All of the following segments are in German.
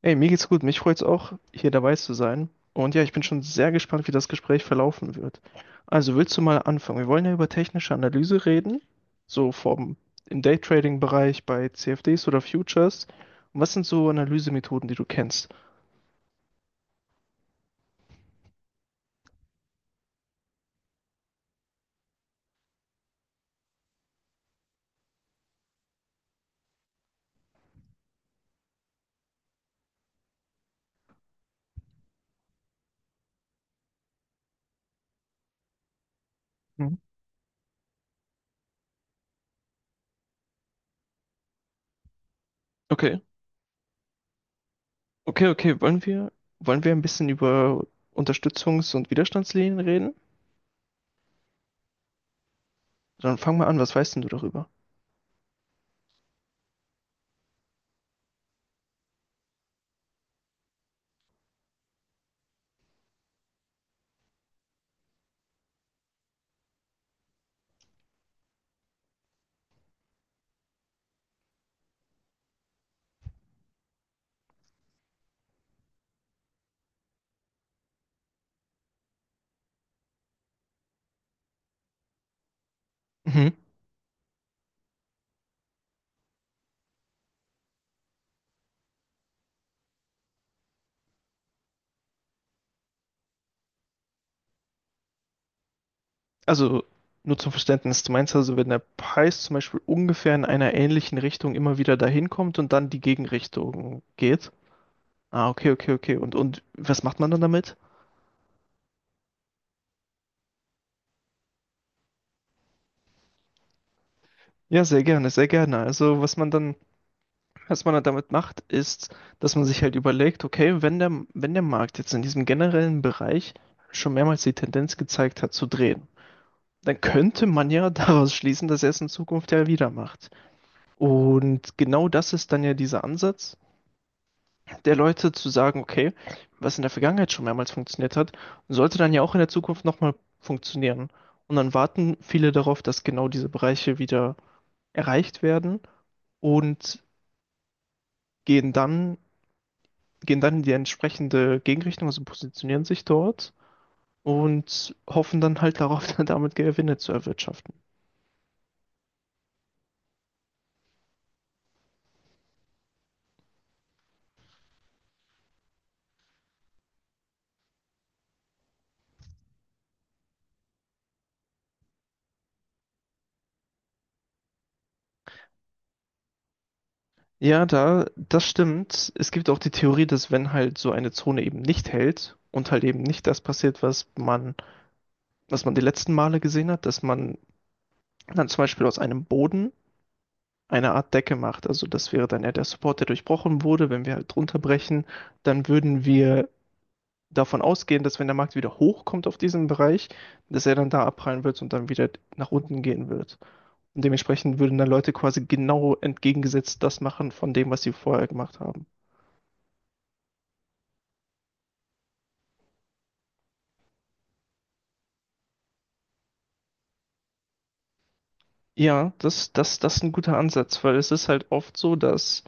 Ey, mir geht's gut. Mich freut's auch, hier dabei zu sein. Und ja, ich bin schon sehr gespannt, wie das Gespräch verlaufen wird. Also, willst du mal anfangen? Wir wollen ja über technische Analyse reden, so vom im Daytrading-Bereich bei CFDs oder Futures. Und was sind so Analysemethoden, die du kennst? Mhm. Okay, okay, okay. Wollen wir ein bisschen über Unterstützungs- und Widerstandslinien reden? Dann fang mal an, was weißt denn du darüber? Also nur zum Verständnis, du meinst also, wenn der Preis zum Beispiel ungefähr in einer ähnlichen Richtung immer wieder dahin kommt und dann die Gegenrichtung geht? Ah, okay, okay, okay. Und was macht man dann damit? Ja, sehr gerne, sehr gerne. Also was man dann damit macht, ist, dass man sich halt überlegt, okay, wenn der Markt jetzt in diesem generellen Bereich schon mehrmals die Tendenz gezeigt hat zu drehen, dann könnte man ja daraus schließen, dass er es in Zukunft ja wieder macht. Und genau das ist dann ja dieser Ansatz, der Leute zu sagen, okay, was in der Vergangenheit schon mehrmals funktioniert hat, sollte dann ja auch in der Zukunft nochmal funktionieren. Und dann warten viele darauf, dass genau diese Bereiche wieder erreicht werden und gehen dann, gehen dann in die entsprechende Gegenrichtung, also positionieren sich dort und hoffen dann halt darauf, dann damit Gewinne zu erwirtschaften. Ja, das stimmt. Es gibt auch die Theorie, dass wenn halt so eine Zone eben nicht hält und halt eben nicht das passiert, was man die letzten Male gesehen hat, dass man dann zum Beispiel aus einem Boden eine Art Decke macht. Also das wäre dann ja der Support, der durchbrochen wurde. Wenn wir halt drunter brechen, dann würden wir davon ausgehen, dass wenn der Markt wieder hochkommt auf diesen Bereich, dass er dann da abprallen wird und dann wieder nach unten gehen wird. Und dementsprechend würden dann Leute quasi genau entgegengesetzt das machen von dem, was sie vorher gemacht haben. Ja, das ist ein guter Ansatz, weil es ist halt oft so, dass,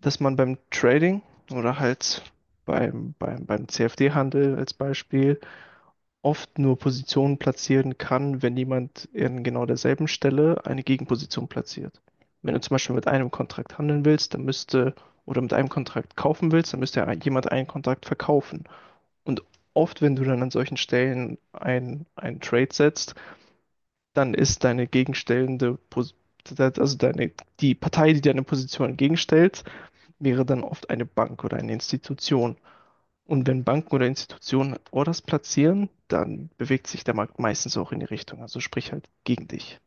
dass man beim Trading oder halt beim CFD-Handel als Beispiel oft nur Positionen platzieren kann, wenn jemand in genau derselben Stelle eine Gegenposition platziert. Wenn du zum Beispiel mit einem Kontrakt handeln willst, dann müsste, oder mit einem Kontrakt kaufen willst, dann müsste ja jemand einen Kontrakt verkaufen. Und oft, wenn du dann an solchen Stellen ein Trade setzt, dann ist deine gegenstellende Position also deine, die Partei, die deine Position entgegenstellt, wäre dann oft eine Bank oder eine Institution. Und wenn Banken oder Institutionen Orders platzieren, dann bewegt sich der Markt meistens auch in die Richtung, also sprich halt gegen dich.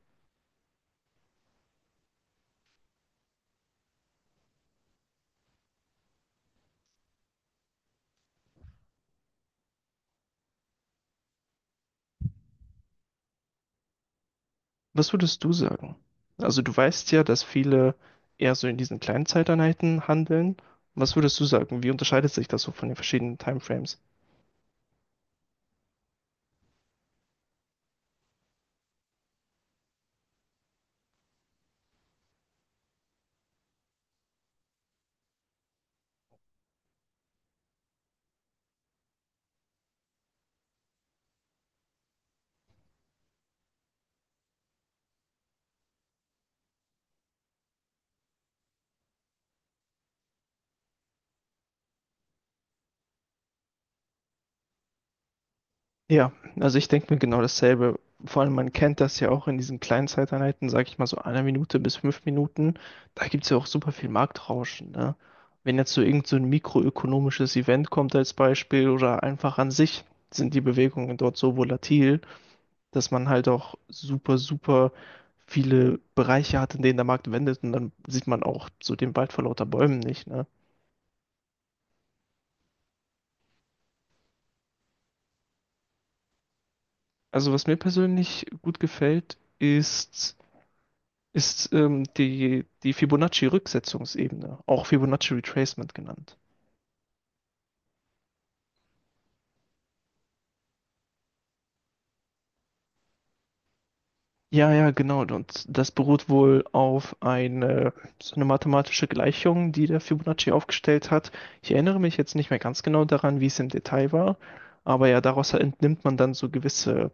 Was würdest du sagen? Also du weißt ja, dass viele eher so in diesen kleinen Zeiteinheiten handeln. Was würdest du sagen? Wie unterscheidet sich das so von den verschiedenen Timeframes? Ja, also ich denke mir genau dasselbe. Vor allem, man kennt das ja auch in diesen kleinen Zeiteinheiten, sag ich mal so einer Minute bis 5 Minuten. Da gibt's ja auch super viel Marktrauschen, ne? Wenn jetzt so irgend so ein mikroökonomisches Event kommt als Beispiel oder einfach an sich sind die Bewegungen dort so volatil, dass man halt auch super, super viele Bereiche hat, in denen der Markt wendet und dann sieht man auch so den Wald vor lauter Bäumen nicht, ne? Also was mir persönlich gut gefällt, ist die Fibonacci-Rücksetzungsebene, auch Fibonacci Retracement genannt. Ja, ja, genau. Und das beruht wohl auf so eine mathematische Gleichung, die der Fibonacci aufgestellt hat. Ich erinnere mich jetzt nicht mehr ganz genau daran, wie es im Detail war, aber ja, daraus entnimmt man dann so gewisse,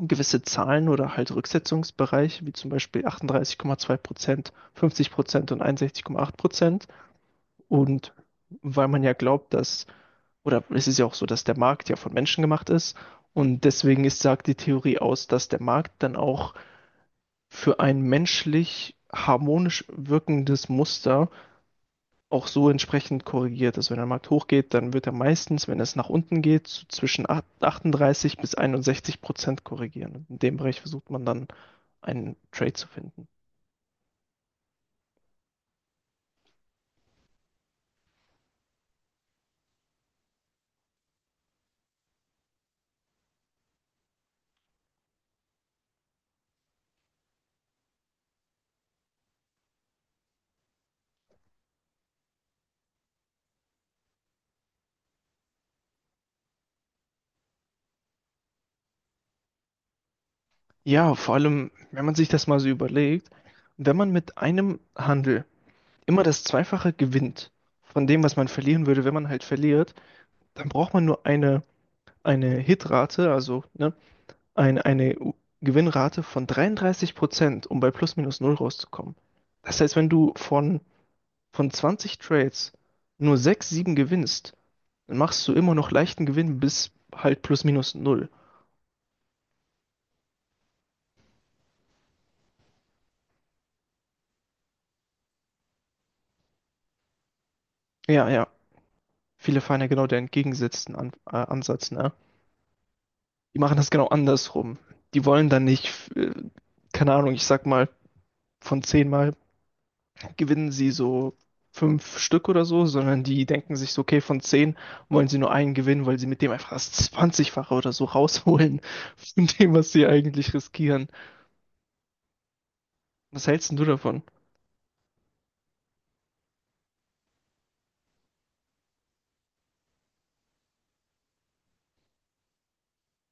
gewisse Zahlen oder halt Rücksetzungsbereiche, wie zum Beispiel 38,2%, 50% und 61,8%. Und weil man ja glaubt, dass oder es ist ja auch so, dass der Markt ja von Menschen gemacht ist. Und deswegen ist, sagt die Theorie aus, dass der Markt dann auch für ein menschlich harmonisch wirkendes Muster auch so entsprechend korrigiert. Also wenn der Markt hochgeht, dann wird er meistens, wenn es nach unten geht, so zwischen 38 bis 61% korrigieren. Und in dem Bereich versucht man dann einen Trade zu finden. Ja, vor allem, wenn man sich das mal so überlegt, wenn man mit einem Handel immer das Zweifache gewinnt von dem, was man verlieren würde, wenn man halt verliert, dann braucht man nur eine Hitrate, also ne, ein, eine Gewinnrate von 33%, um bei plus minus null rauszukommen. Das heißt, wenn du von 20 Trades nur 6 7 gewinnst, dann machst du immer noch leichten Gewinn bis halt plus minus null. Ja, ja. Viele fahren ja genau den entgegengesetzten An Ansatz, ne? Die machen das genau andersrum. Die wollen dann nicht, keine Ahnung, ich sag mal, von 10 Mal gewinnen sie so fünf Stück oder so, sondern die denken sich so, okay, von zehn wollen sie nur einen gewinnen, weil sie mit dem einfach das zwanzigfache oder so rausholen von dem, was sie eigentlich riskieren. Was hältst denn du davon?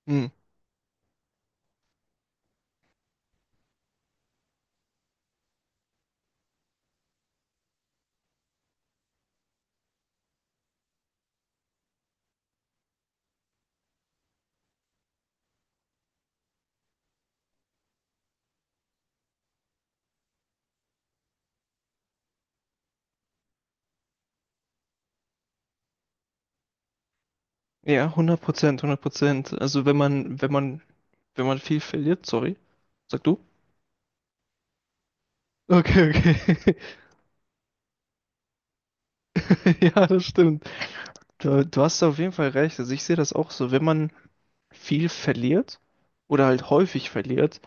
Hm. Ja, 100 Prozent, 100 Prozent. Also wenn man viel verliert, sorry, sag du? Okay, okay. Ja, das stimmt. Du hast da auf jeden Fall recht. Also ich sehe das auch so, wenn man viel verliert oder halt häufig verliert,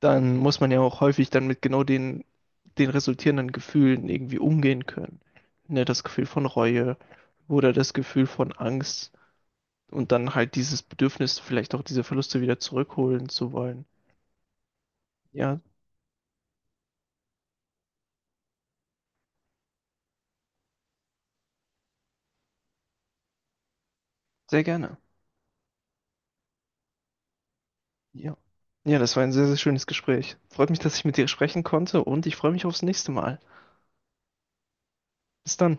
dann muss man ja auch häufig dann mit genau den resultierenden Gefühlen irgendwie umgehen können. Ne, das Gefühl von Reue oder das Gefühl von Angst und dann halt dieses Bedürfnis, vielleicht auch diese Verluste wieder zurückholen zu wollen. Ja, sehr gerne. Ja. Ja, das war ein sehr, sehr schönes Gespräch. Freut mich, dass ich mit dir sprechen konnte und ich freue mich aufs nächste Mal. Bis dann.